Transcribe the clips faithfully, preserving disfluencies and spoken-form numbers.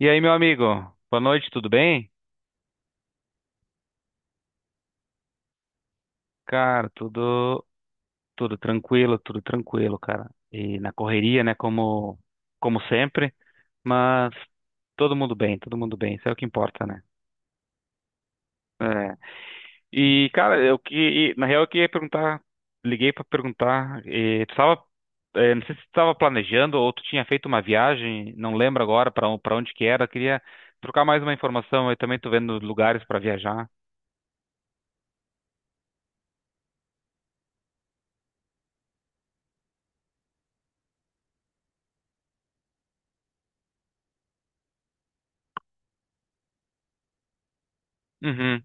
E aí, meu amigo? Boa noite, tudo bem? Cara, tudo tudo tranquilo, tudo tranquilo, cara. E na correria, né, como como sempre, mas todo mundo bem, todo mundo bem, isso é o que importa, né? É. E cara, eu que e, na real eu queria perguntar, liguei pra perguntar, e, tu tava, eh, não sei se tu estava planejando ou tu tinha feito uma viagem, não lembro agora para para onde que era, eu queria trocar mais uma informação, eu também tô vendo lugares pra viajar. Uhum.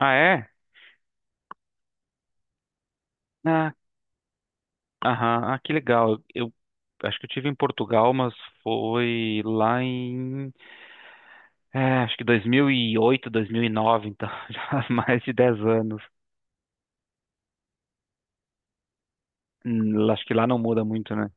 Ah, é? Aham, ah, que legal. Eu acho que eu tive em Portugal, mas foi lá em, é, acho que dois dois mil mil e oito, dois mil e nove, então já há mais de dez anos. Hum, Acho que lá não muda muito, né?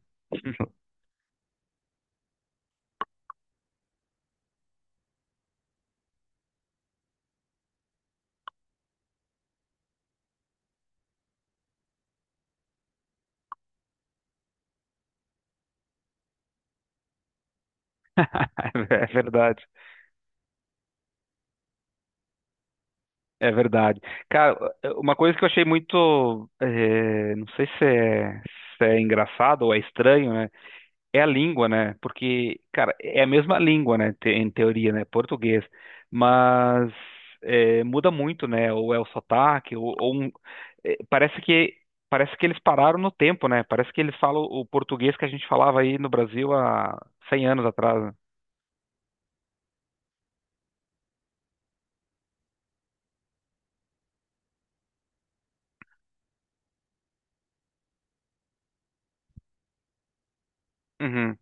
É verdade, é verdade. Cara, uma coisa que eu achei muito, eh, não sei se é, se é engraçado ou é estranho, né? É a língua, né? Porque, cara, é a mesma língua, né? Te- Em teoria, né? Português. Mas é, muda muito, né? Ou é o sotaque, ou, ou um- é, parece que parece que eles pararam no tempo, né? Parece que eles falam o português que a gente falava aí no Brasil há cem anos atrás, né? Uhum,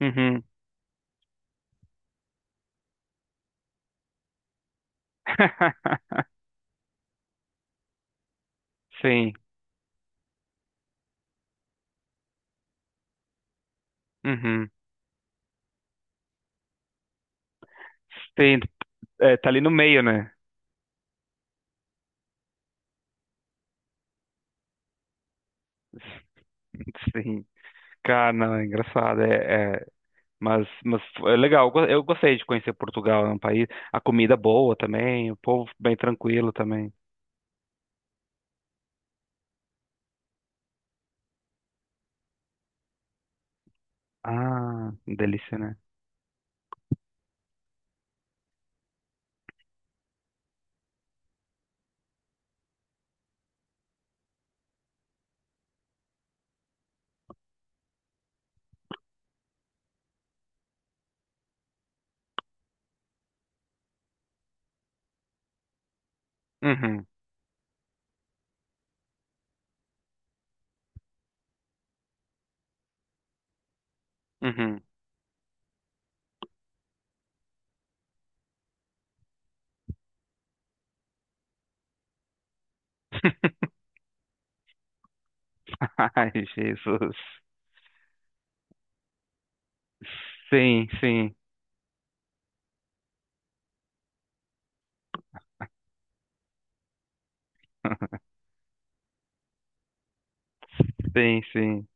uhum. Sim, uhum. Sim, é, tá ali no meio, né? Sim. Cara, não, é engraçado. É, é. Mas, mas é legal, eu go- eu gostei de conhecer Portugal, é um país, a comida é boa também, o povo bem tranquilo também. Ah, delícia, né? Uhum, uhum. Ai, Jesus. Sim, sim, sim, sim.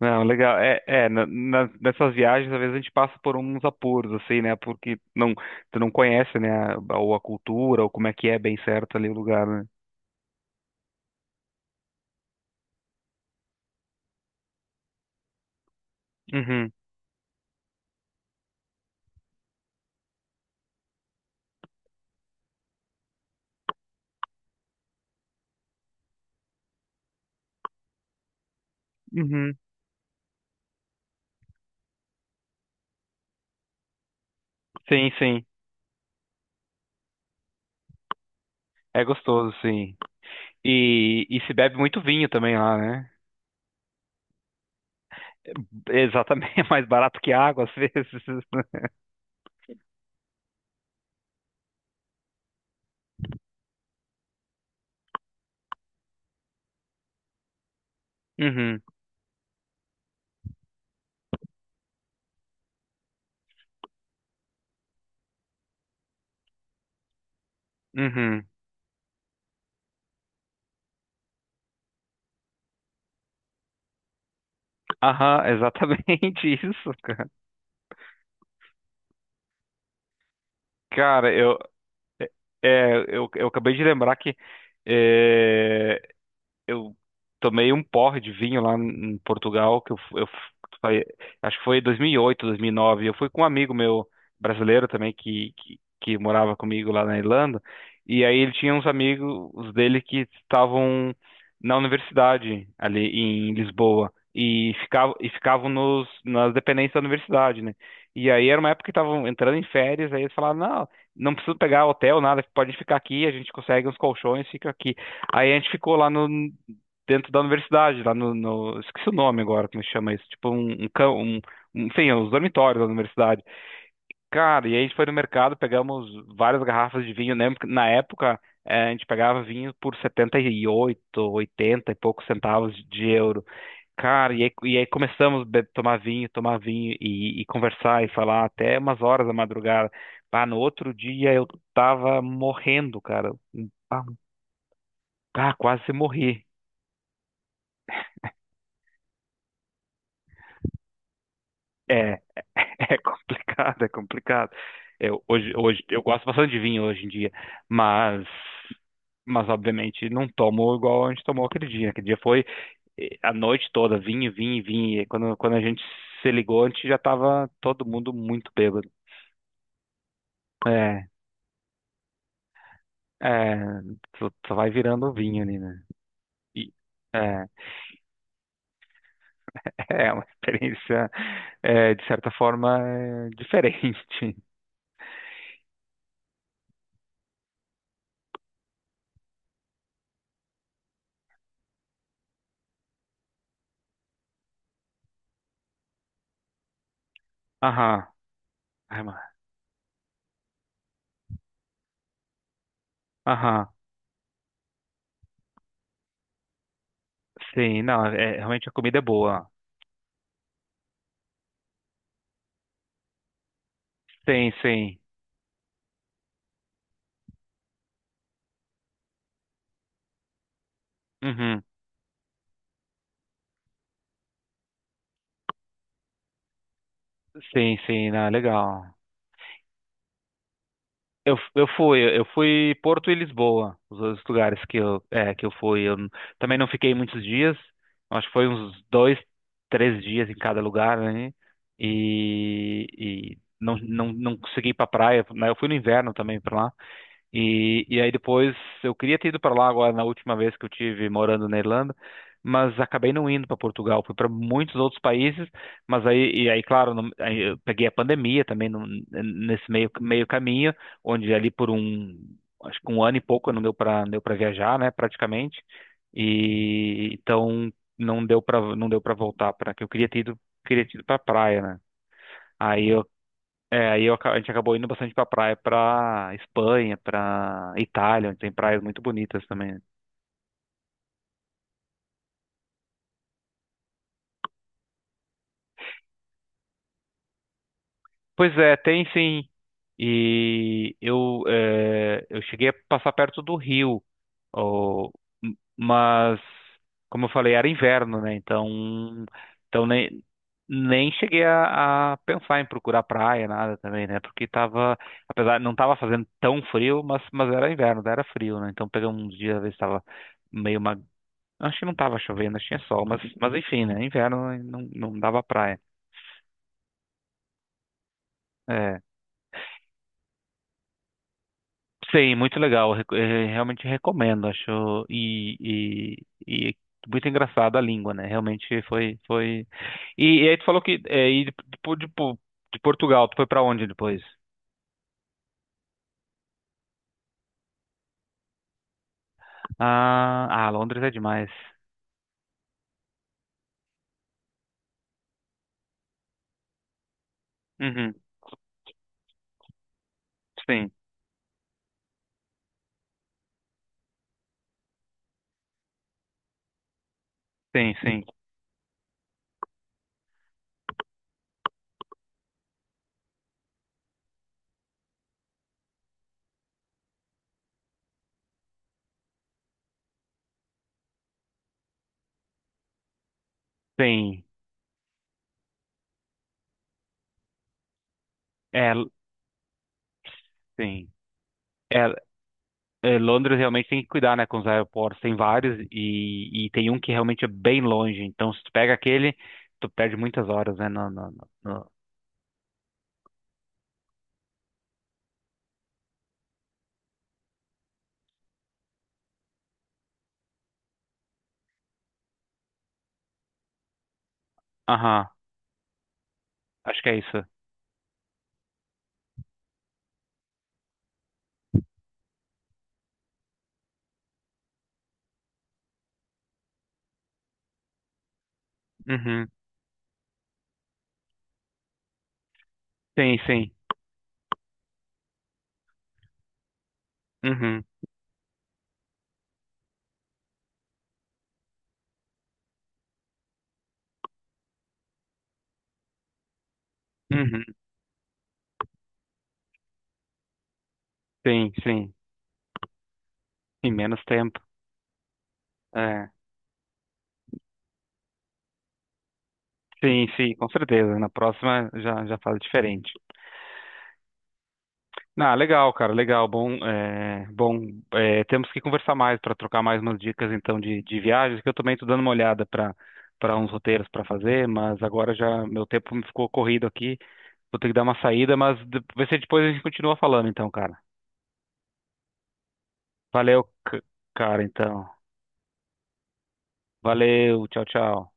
Não, legal. É, é na, na- nessas viagens, às vezes a gente passa por uns apuros, assim, né? Porque não, tu não conhece, né? A, ou a cultura, ou como é que é bem certo ali o lugar, né? Uhum, uhum. Sim, sim. É gostoso, sim. E, e se bebe muito vinho também lá, né? É, exatamente, é mais barato que água às vezes. Uhum, uhum. Aham, exatamente isso, cara. Cara, eu, é, eu, eu acabei de lembrar que é, eu tomei um porre de vinho lá em Portugal, que eu, fu- eu fu- foi- acho que foi dois mil e oito, dois mil e nove. Eu fui com um amigo meu brasileiro também que, que, que morava comigo lá na Irlanda, e aí ele tinha uns amigos os dele que estavam na universidade ali em Lisboa. E ficavam, e ficavam nos, nas dependências da universidade, né? E aí era uma época que estavam entrando em férias, aí eles falaram, não, não precisa pegar hotel, nada, pode ficar aqui, a gente consegue uns colchões, fica aqui. Aí a gente ficou lá no, dentro da universidade, lá no, no- esqueci o nome agora, como chama isso, tipo um, um, cam- um- um- enfim, os dormitórios da universidade. Cara, e aí a gente foi no mercado, pegamos várias garrafas de vinho, né? Porque na época, eh, a gente pegava vinho por setenta e oito, oitenta e poucos centavos de euro. Cara, e aí, e aí começamos a be- tomar vinho, tomar vinho e, e conversar e falar até umas horas da madrugada. Ah, no outro dia eu tava morrendo, cara. Ah, ah, quase morri. É, é complicado, é complicado. Eu, hoje, hoje, eu gosto bastante de vinho hoje em dia, mas, mas obviamente não tomo igual a gente tomou aquele dia. Aquele dia foi eh, a noite toda, vinho, vinho, vinho. E quando, quando a gente se ligou, a gente já tava todo mundo muito bêbado. É, é, só, só vai virando um vinho ali, né? E, é, é uma experiência, eh, de certa forma, eh, diferente. Aham, é, mano. Aham. Sim, não, é, realmente a comida é boa. Sim, sim. Uhum. Sim, sim, não, é legal. Eu, eu fui, eu fui Porto e Lisboa, os dois lugares que eu, é, que eu fui. Eu n- também não fiquei muitos dias, acho que foi uns dois, três dias em cada lugar, né? E, e não, não, não consegui ir pra praia, né? Eu fui no inverno também pra lá. E, e aí depois eu queria ter ido para lá agora na última vez que eu tive morando na Irlanda, mas acabei não indo para Portugal, fui para muitos outros países, mas aí e aí claro, não- aí eu peguei a pandemia também num- nesse meio meio caminho, onde ali por um acho que um ano e pouco não deu para deu para viajar, né, praticamente. E então não deu para não deu para voltar para que eu queria ter ido queria ter ido para praia, né? Aí eu é, aí eu aca- a gente acabou indo bastante pra praia, pra Espanha, pra Itália, onde tem praias muito bonitas também. Pois é, tem sim. E eu, é, eu cheguei a passar perto do Rio, ó, m- mas, como eu falei, era inverno, né? Então, então nem, nem cheguei a, a pensar em procurar praia, nada também, né? Porque tava, apesar, não tava fazendo tão frio, mas, mas era inverno, era frio, né? Então peguei uns dias, às vezes tava meio uma acho que não tava chovendo, acho que tinha sol, mas, mas enfim, né? Inverno e não, não dava praia. É. Sim, muito legal. reco- eh, Realmente recomendo, acho. E, e, e muito engraçado a língua, né? Realmente foi, foi. E, e aí tu falou que eh, e de, de, de- de Portugal, tu foi pra onde depois? Ah, ah, Londres é demais. Uhum. Sim, sim, sim, sim. É, sim. É, é, Londres realmente tem que cuidar, né, com os aeroportos. Tem vários e, e tem um que realmente é bem longe. Então, se tu pega aquele, tu perde muitas horas, né? No, no, no- no- Aham, acho que é isso. Uhum. Sim, sim. Uhum. Uhum. Sim, sim. Em menos tempo. É. Sim, sim, com certeza. Na próxima já, já faz diferente. Ah, legal, cara, legal. Bom, é, bom, é, temos que conversar mais para trocar mais umas dicas então de, de viagens, que eu também estou dando uma olhada para para uns roteiros para fazer, mas agora já meu tempo me ficou corrido aqui. Vou ter que dar uma saída, mas de- vai ser depois, a gente continua falando então, cara. Valeu, c- cara, então. Valeu, tchau, tchau.